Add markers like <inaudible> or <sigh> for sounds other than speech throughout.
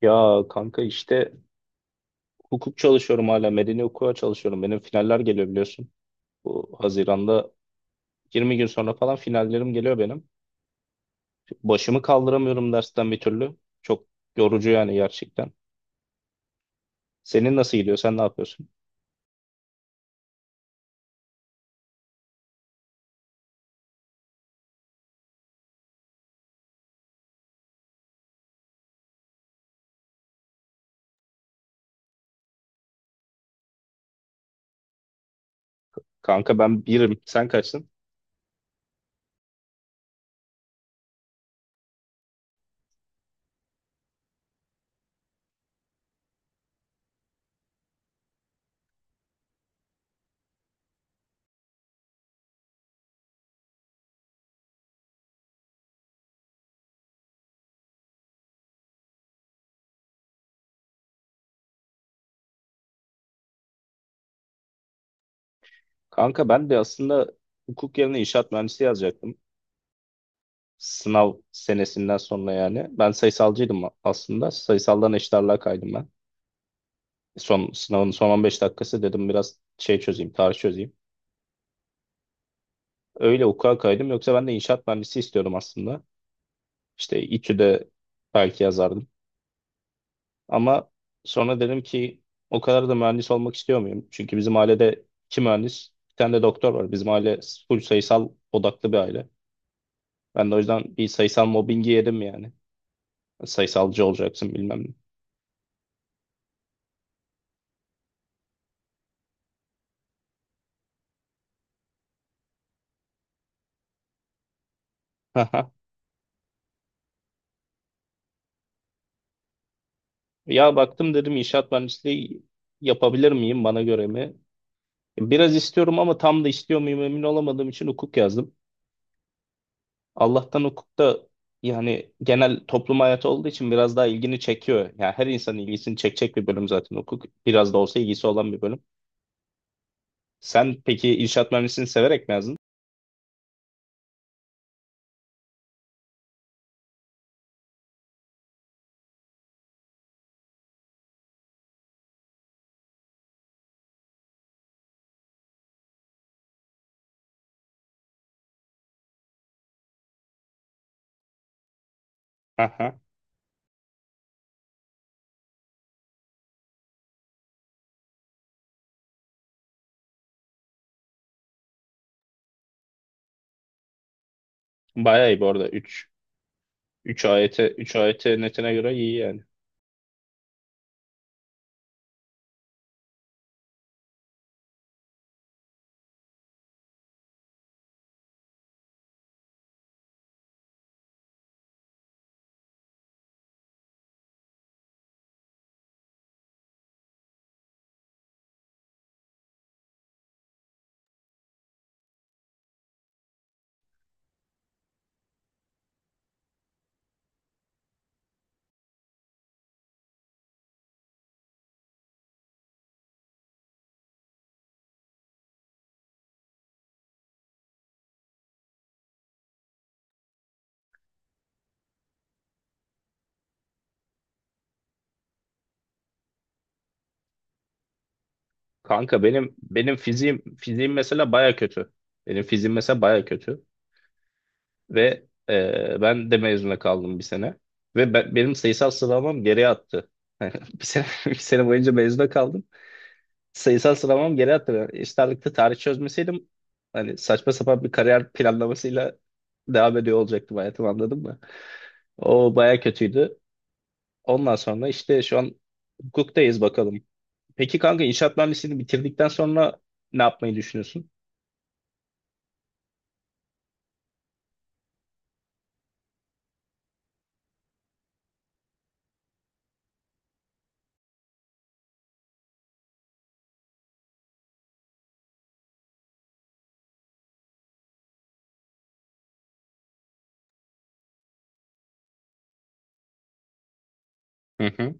Ya kanka işte hukuk çalışıyorum hala. Medeni hukuka çalışıyorum. Benim finaller geliyor biliyorsun. Bu Haziran'da 20 gün sonra falan finallerim geliyor benim. Başımı kaldıramıyorum dersten bir türlü. Çok yorucu yani gerçekten. Senin nasıl gidiyor? Sen ne yapıyorsun? Kanka ben birim. Sen kaçsın? Kanka ben de aslında hukuk yerine inşaat mühendisi yazacaktım. Sınav senesinden sonra yani. Ben sayısalcıydım aslında. Sayısaldan eşit ağırlığa kaydım ben. Son sınavın son 15 dakikası dedim biraz şey çözeyim, tarih çözeyim. Öyle hukuka kaydım. Yoksa ben de inşaat mühendisi istiyordum aslında. İşte İTÜ'de belki yazardım. Ama sonra dedim ki o kadar da mühendis olmak istiyor muyum? Çünkü bizim ailede iki mühendis, bir tane de doktor var. Bizim aile full sayısal odaklı bir aile. Ben de o yüzden bir sayısal mobbingi yedim yani. Sayısalcı olacaksın bilmem ne. <laughs> Aha. Ya baktım dedim inşaat mühendisliği yapabilir miyim bana göre mi? Biraz istiyorum ama tam da istiyor muyum emin olamadığım için hukuk yazdım. Allah'tan hukukta yani genel toplum hayatı olduğu için biraz daha ilgini çekiyor. Yani her insanın ilgisini çekecek bir bölüm zaten hukuk. Biraz da olsa ilgisi olan bir bölüm. Sen peki inşaat mühendisliğini severek mi yazdın? Aha. Bayağı iyi bu arada. Üç ayete netine göre iyi yani. Kanka benim fiziğim mesela baya kötü. Benim fiziğim mesela baya kötü ve ben de mezuna kaldım bir sene ve benim sayısal sıralamam geriye attı. <laughs> Bir sene boyunca mezuna kaldım. Sayısal sıralamam geri hatırlıyorum. Eşit ağırlıkta tarih çözmeseydim hani saçma sapan bir kariyer planlamasıyla devam ediyor olacaktım hayatım anladın mı? O baya kötüydü. Ondan sonra işte şu an hukuktayız bakalım. Peki kanka inşaat mühendisliğini bitirdikten sonra ne yapmayı düşünüyorsun? Hı hı.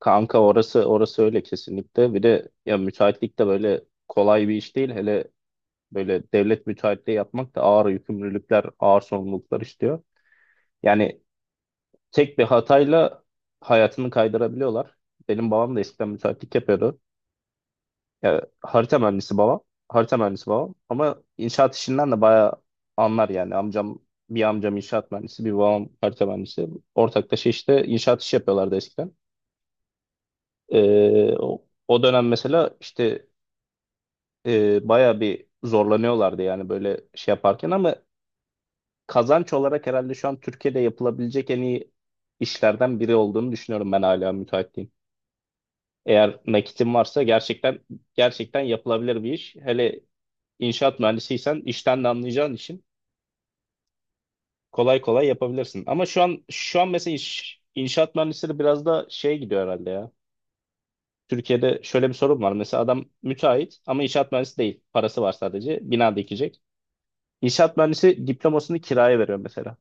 Kanka orası orası öyle kesinlikle. Bir de ya müteahhitlik de böyle kolay bir iş değil. Hele böyle devlet müteahhitliği yapmak da ağır yükümlülükler, ağır sorumluluklar istiyor. Yani tek bir hatayla hayatını kaydırabiliyorlar. Benim babam da eskiden müteahhitlik yapıyordu. Ya, harita mühendisi babam. Harita mühendisi babam. Ama inşaat işinden de bayağı anlar yani. Bir amcam inşaat mühendisi, bir babam harita mühendisi. Ortaklaşa işte inşaat işi yapıyorlardı eskiden. O dönem mesela işte bayağı bir zorlanıyorlardı yani böyle şey yaparken ama kazanç olarak herhalde şu an Türkiye'de yapılabilecek en iyi işlerden biri olduğunu düşünüyorum ben hala müteahhitliğin. Eğer nakitin varsa gerçekten gerçekten yapılabilir bir iş. Hele inşaat mühendisiysen işten de anlayacağın için kolay kolay yapabilirsin. Ama şu an mesela inşaat mühendisleri biraz da şeye gidiyor herhalde ya. Türkiye'de şöyle bir sorun var. Mesela adam müteahhit ama inşaat mühendisi değil. Parası var sadece. Bina dikecek. İnşaat mühendisi diplomasını kiraya veriyor mesela.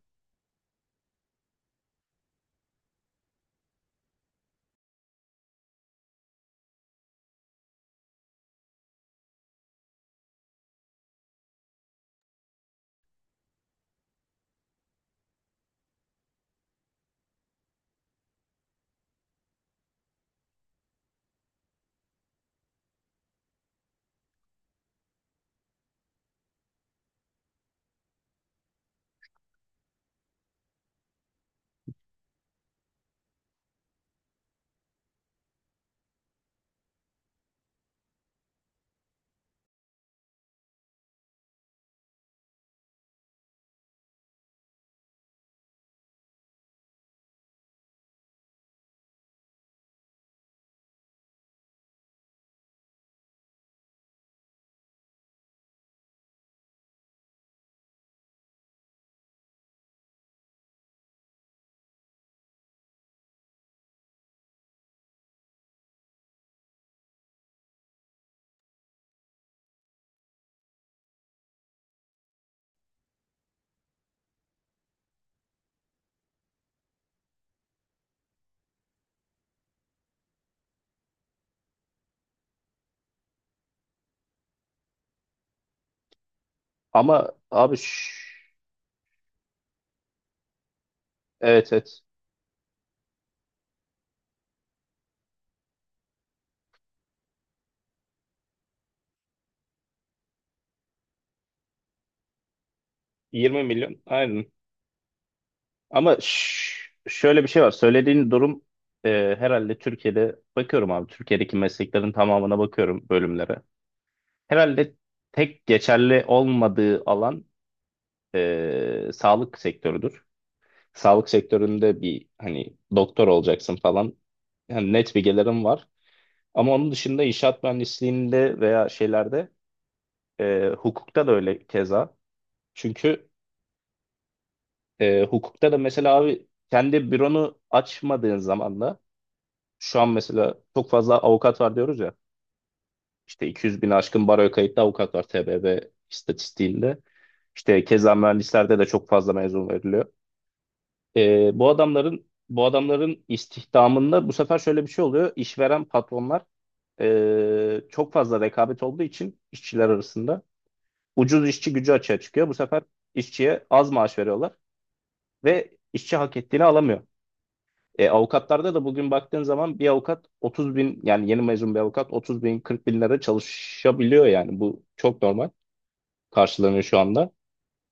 Ama abi, evet, evet, 20 milyon, aynen. Ama şöyle bir şey var. Söylediğin durum herhalde Türkiye'de bakıyorum abi. Türkiye'deki mesleklerin tamamına bakıyorum bölümlere. Herhalde tek geçerli olmadığı alan sağlık sektörüdür. Sağlık sektöründe bir hani doktor olacaksın falan. Yani net bilgilerim var. Ama onun dışında inşaat mühendisliğinde veya şeylerde hukukta da öyle keza. Çünkü hukukta da mesela abi kendi büronu açmadığın zaman da. Şu an mesela çok fazla avukat var diyoruz ya. İşte 200 bin aşkın baroya kayıtlı avukat var TBB istatistiğinde. İşte keza mühendislerde de çok fazla mezun veriliyor. Bu adamların istihdamında bu sefer şöyle bir şey oluyor. İşveren patronlar çok fazla rekabet olduğu için işçiler arasında ucuz işçi gücü açığa çıkıyor. Bu sefer işçiye az maaş veriyorlar ve işçi hak ettiğini alamıyor. Avukatlarda da bugün baktığın zaman bir avukat 30 bin yani yeni mezun bir avukat 30 bin 40 bin lira çalışabiliyor yani bu çok normal karşılanıyor şu anda.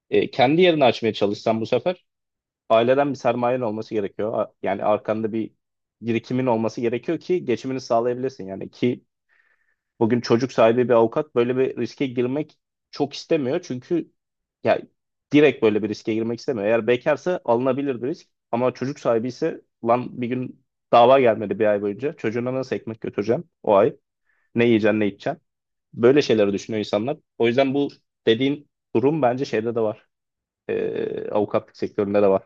Kendi yerini açmaya çalışsan bu sefer aileden bir sermayen olması gerekiyor. Yani arkanda bir birikimin olması gerekiyor ki geçimini sağlayabilirsin yani ki bugün çocuk sahibi bir avukat böyle bir riske girmek çok istemiyor. Çünkü ya direkt böyle bir riske girmek istemiyor. Eğer bekarsa alınabilir bir risk. Ama çocuk sahibi ise lan bir gün dava gelmedi bir ay boyunca. Çocuğuna nasıl ekmek götüreceğim o ay? Ne yiyeceksin, ne içeceksin? Böyle şeyleri düşünüyor insanlar. O yüzden bu dediğin durum bence şeyde de var. Avukatlık sektöründe de var.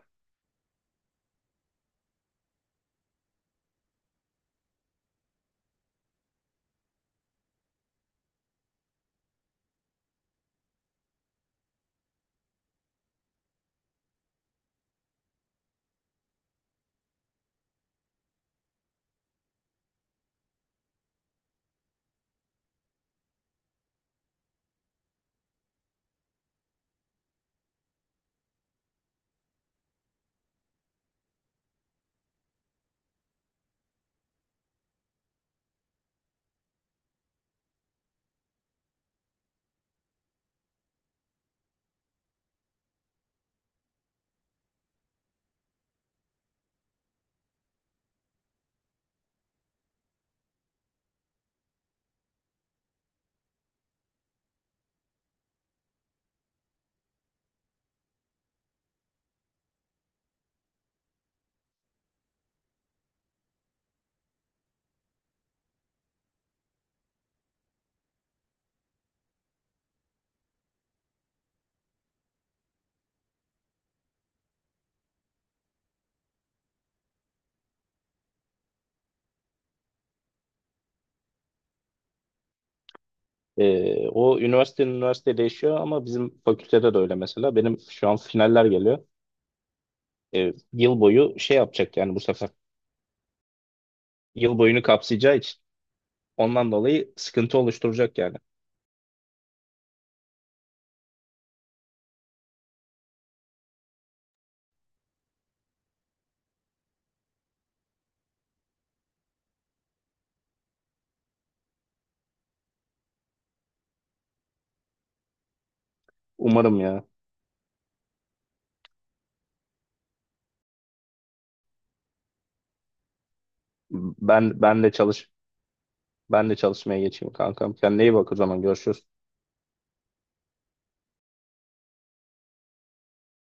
O üniversite üniversite değişiyor ama bizim fakültede de öyle mesela. Benim şu an finaller geliyor. Yıl boyu şey yapacak yani bu sefer. Yıl boyunu kapsayacağı için. Ondan dolayı sıkıntı oluşturacak yani. Umarım ya. Ben ben de çalış ben de çalışmaya geçeyim kankam. Kendine iyi bak o zaman görüşürüz.